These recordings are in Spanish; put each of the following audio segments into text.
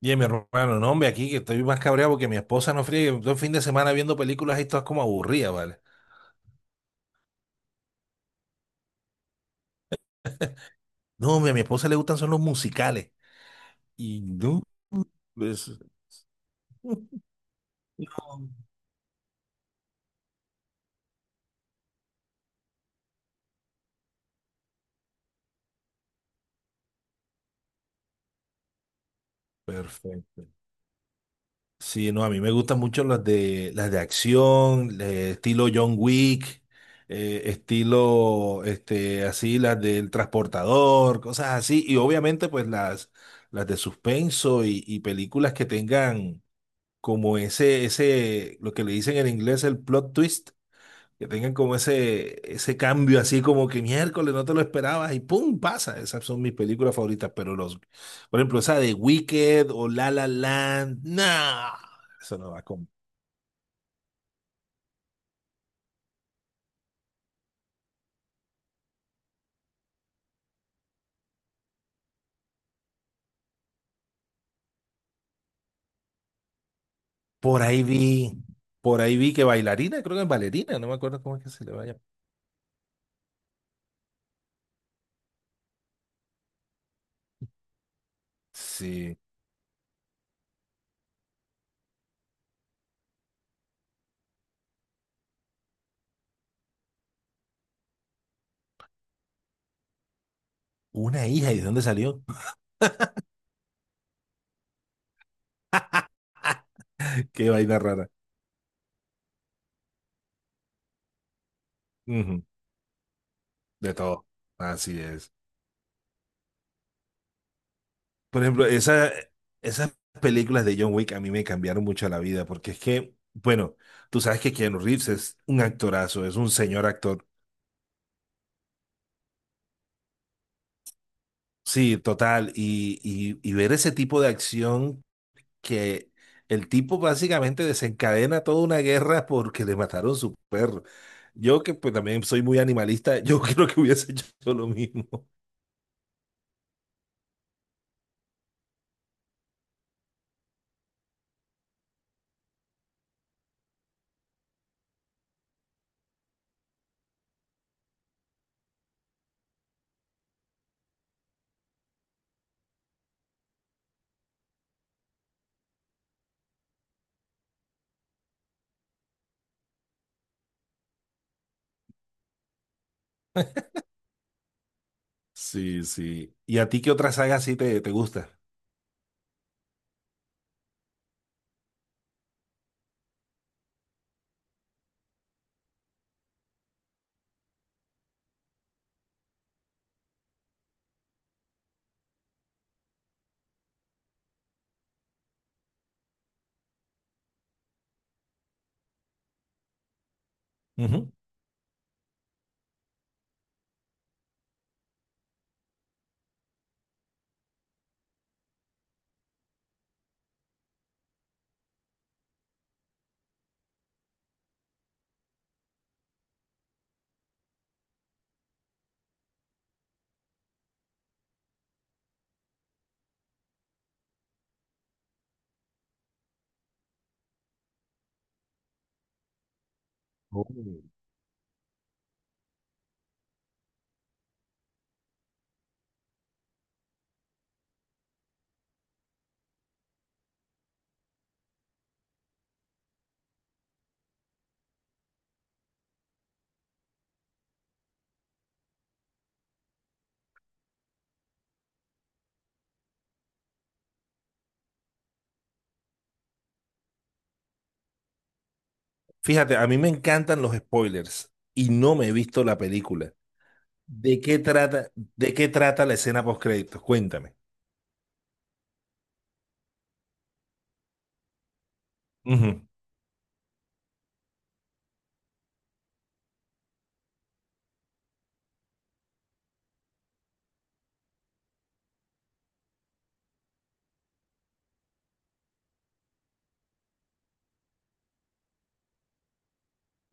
Y mi hermano, no, hombre, aquí que estoy más cabreado porque mi esposa no fríe. Todo el fin de semana viendo películas y todas como aburridas, ¿vale? No, hombre, a mi esposa le gustan son los musicales. Y no, pues, perfecto. Sí, no, a mí me gustan mucho las de acción, de estilo John Wick, estilo este así las del transportador, cosas así y obviamente pues las de suspenso y películas que tengan como ese lo que le dicen en inglés el plot twist, que tengan como ese cambio así como que miércoles no te lo esperabas y ¡pum! Pasa. Esas son mis películas favoritas, pero los, por ejemplo, esa de Wicked o La La Land, no, eso no va con. Por ahí vi, por ahí vi que bailarina, creo que es bailarina, no me acuerdo cómo es que se le vaya. Sí, una hija, ¿y de dónde salió? Qué vaina rara. Ujú, de todo, así es. Por ejemplo, esas películas de John Wick a mí me cambiaron mucho la vida, porque es que, bueno, tú sabes que Keanu Reeves es un actorazo, es un señor actor. Sí, total. Y ver ese tipo de acción que el tipo básicamente desencadena toda una guerra porque le mataron su perro. Yo que pues también soy muy animalista, yo creo que hubiese hecho lo mismo. Sí, sí. ¿Y a ti qué otra saga sí te gusta? Ujú. Oh. Fíjate, a mí me encantan los spoilers y no me he visto la película. ¿De qué trata la escena post créditos? Cuéntame. Ujú,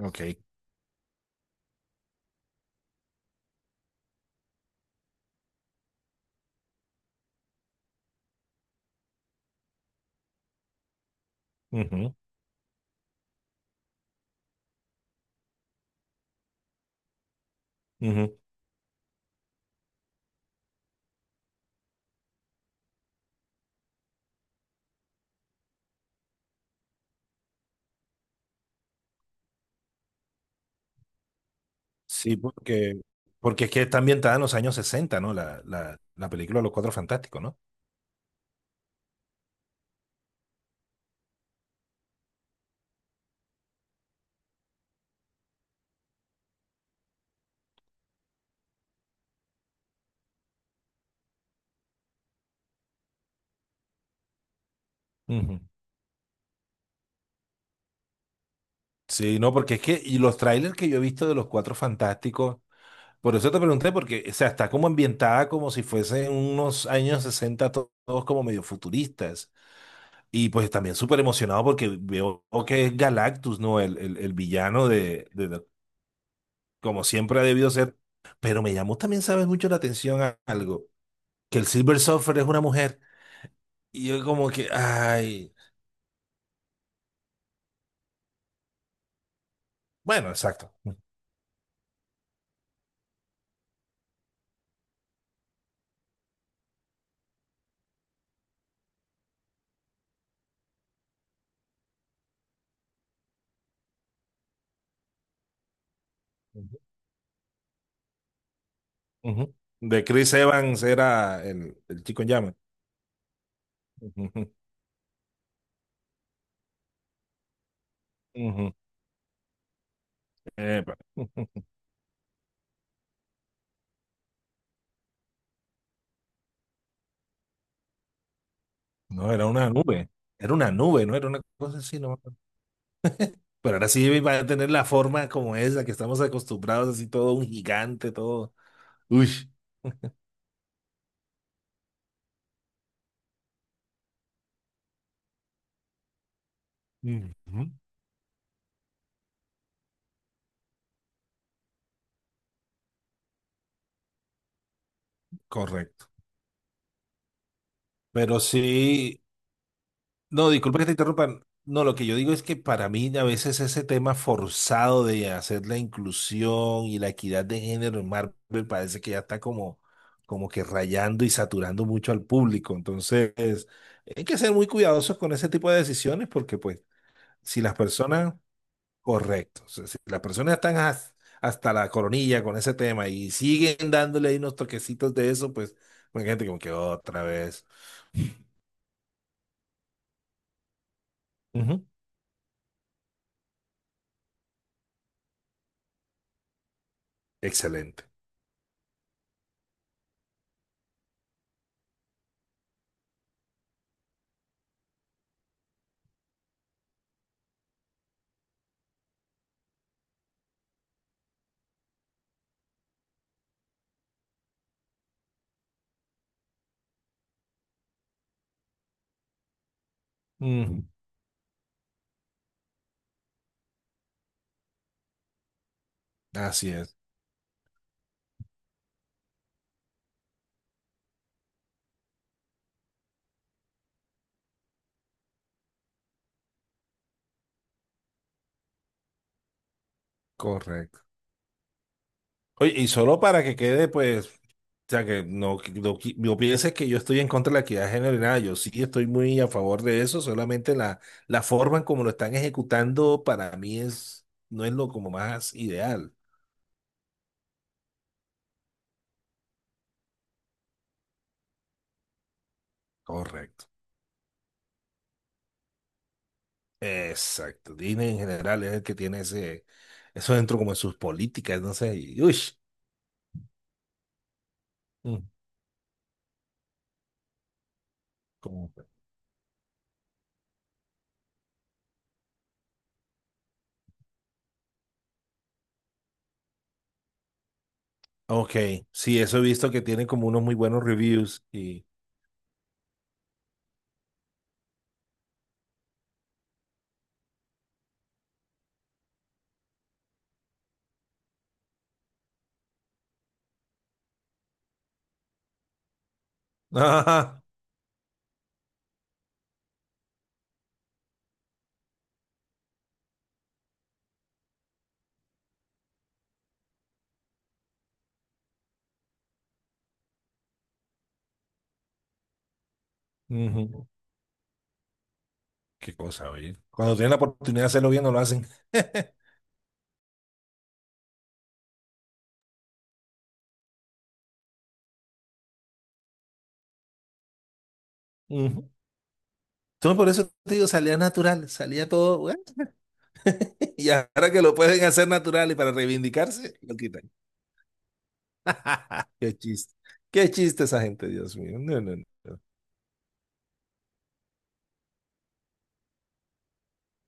ok. Ujú, ujú. Sí, porque, porque es que está ambientada en los años 60, ¿no? La película de Los Cuatro Fantásticos, ¿no? Ujú. Sí, no, porque es que, y los trailers que yo he visto de Los Cuatro Fantásticos, por eso te pregunté, porque, o sea, está como ambientada como si fuesen unos años 60 to- todos como medio futuristas. Y pues también súper emocionado porque veo que es Galactus, ¿no? El villano como siempre ha debido ser. Pero me llamó también, ¿sabes? Mucho la atención a- algo, que el Silver Surfer es una mujer. Y yo como que, ay, bueno, exacto. Ujú, ujú. De Chris Evans era el chico en llamas. Ujú, ujú. Epa. No, era una nube. Era una nube, ¿no? Era una cosa así, no me acuerdo. Pero ahora sí va a tener la forma como esa que estamos acostumbrados, así todo un gigante, todo. Uy, ujú, correcto. Pero sí, no, disculpa que te interrumpan. No, lo que yo digo es que para mí a veces ese tema forzado de hacer la inclusión y la equidad de género en Marvel parece que ya está como, como que rayando y saturando mucho al público. Entonces, hay que ser muy cuidadosos con ese tipo de decisiones porque pues si las personas correcto. O sea, si las personas están has- hasta la coronilla con ese tema y siguen dándole ahí unos toquecitos de eso, pues hay gente como que otra vez. Ujú. Excelente. Ujú. Así es, correcto. Oye, y solo para que quede, pues, o sea, que no, qui- no pienses que yo estoy en contra de la equidad de género y nada, yo sí estoy muy a favor de eso, solamente la forma en como lo están ejecutando para mí es, no es lo como más ideal. Correcto. Exacto. Disney en general es el que tiene ese, eso dentro como en sus políticas, no sé, y, uy, mm, como- ok, sí, eso he visto que tiene como unos muy buenos reviews y... ajá, ujú. Qué cosa, oye. Cuando tienen la oportunidad de hacerlo bien, no lo hacen. Ujú. Entonces, por eso te digo, salía natural, salía todo, bueno, y ahora que lo pueden hacer natural y para reivindicarse, lo quitan. Qué chiste, qué chiste esa gente, Dios mío. No, no, no.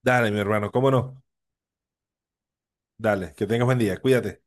Dale, mi hermano, cómo no. Dale, que tengas buen día, cuídate.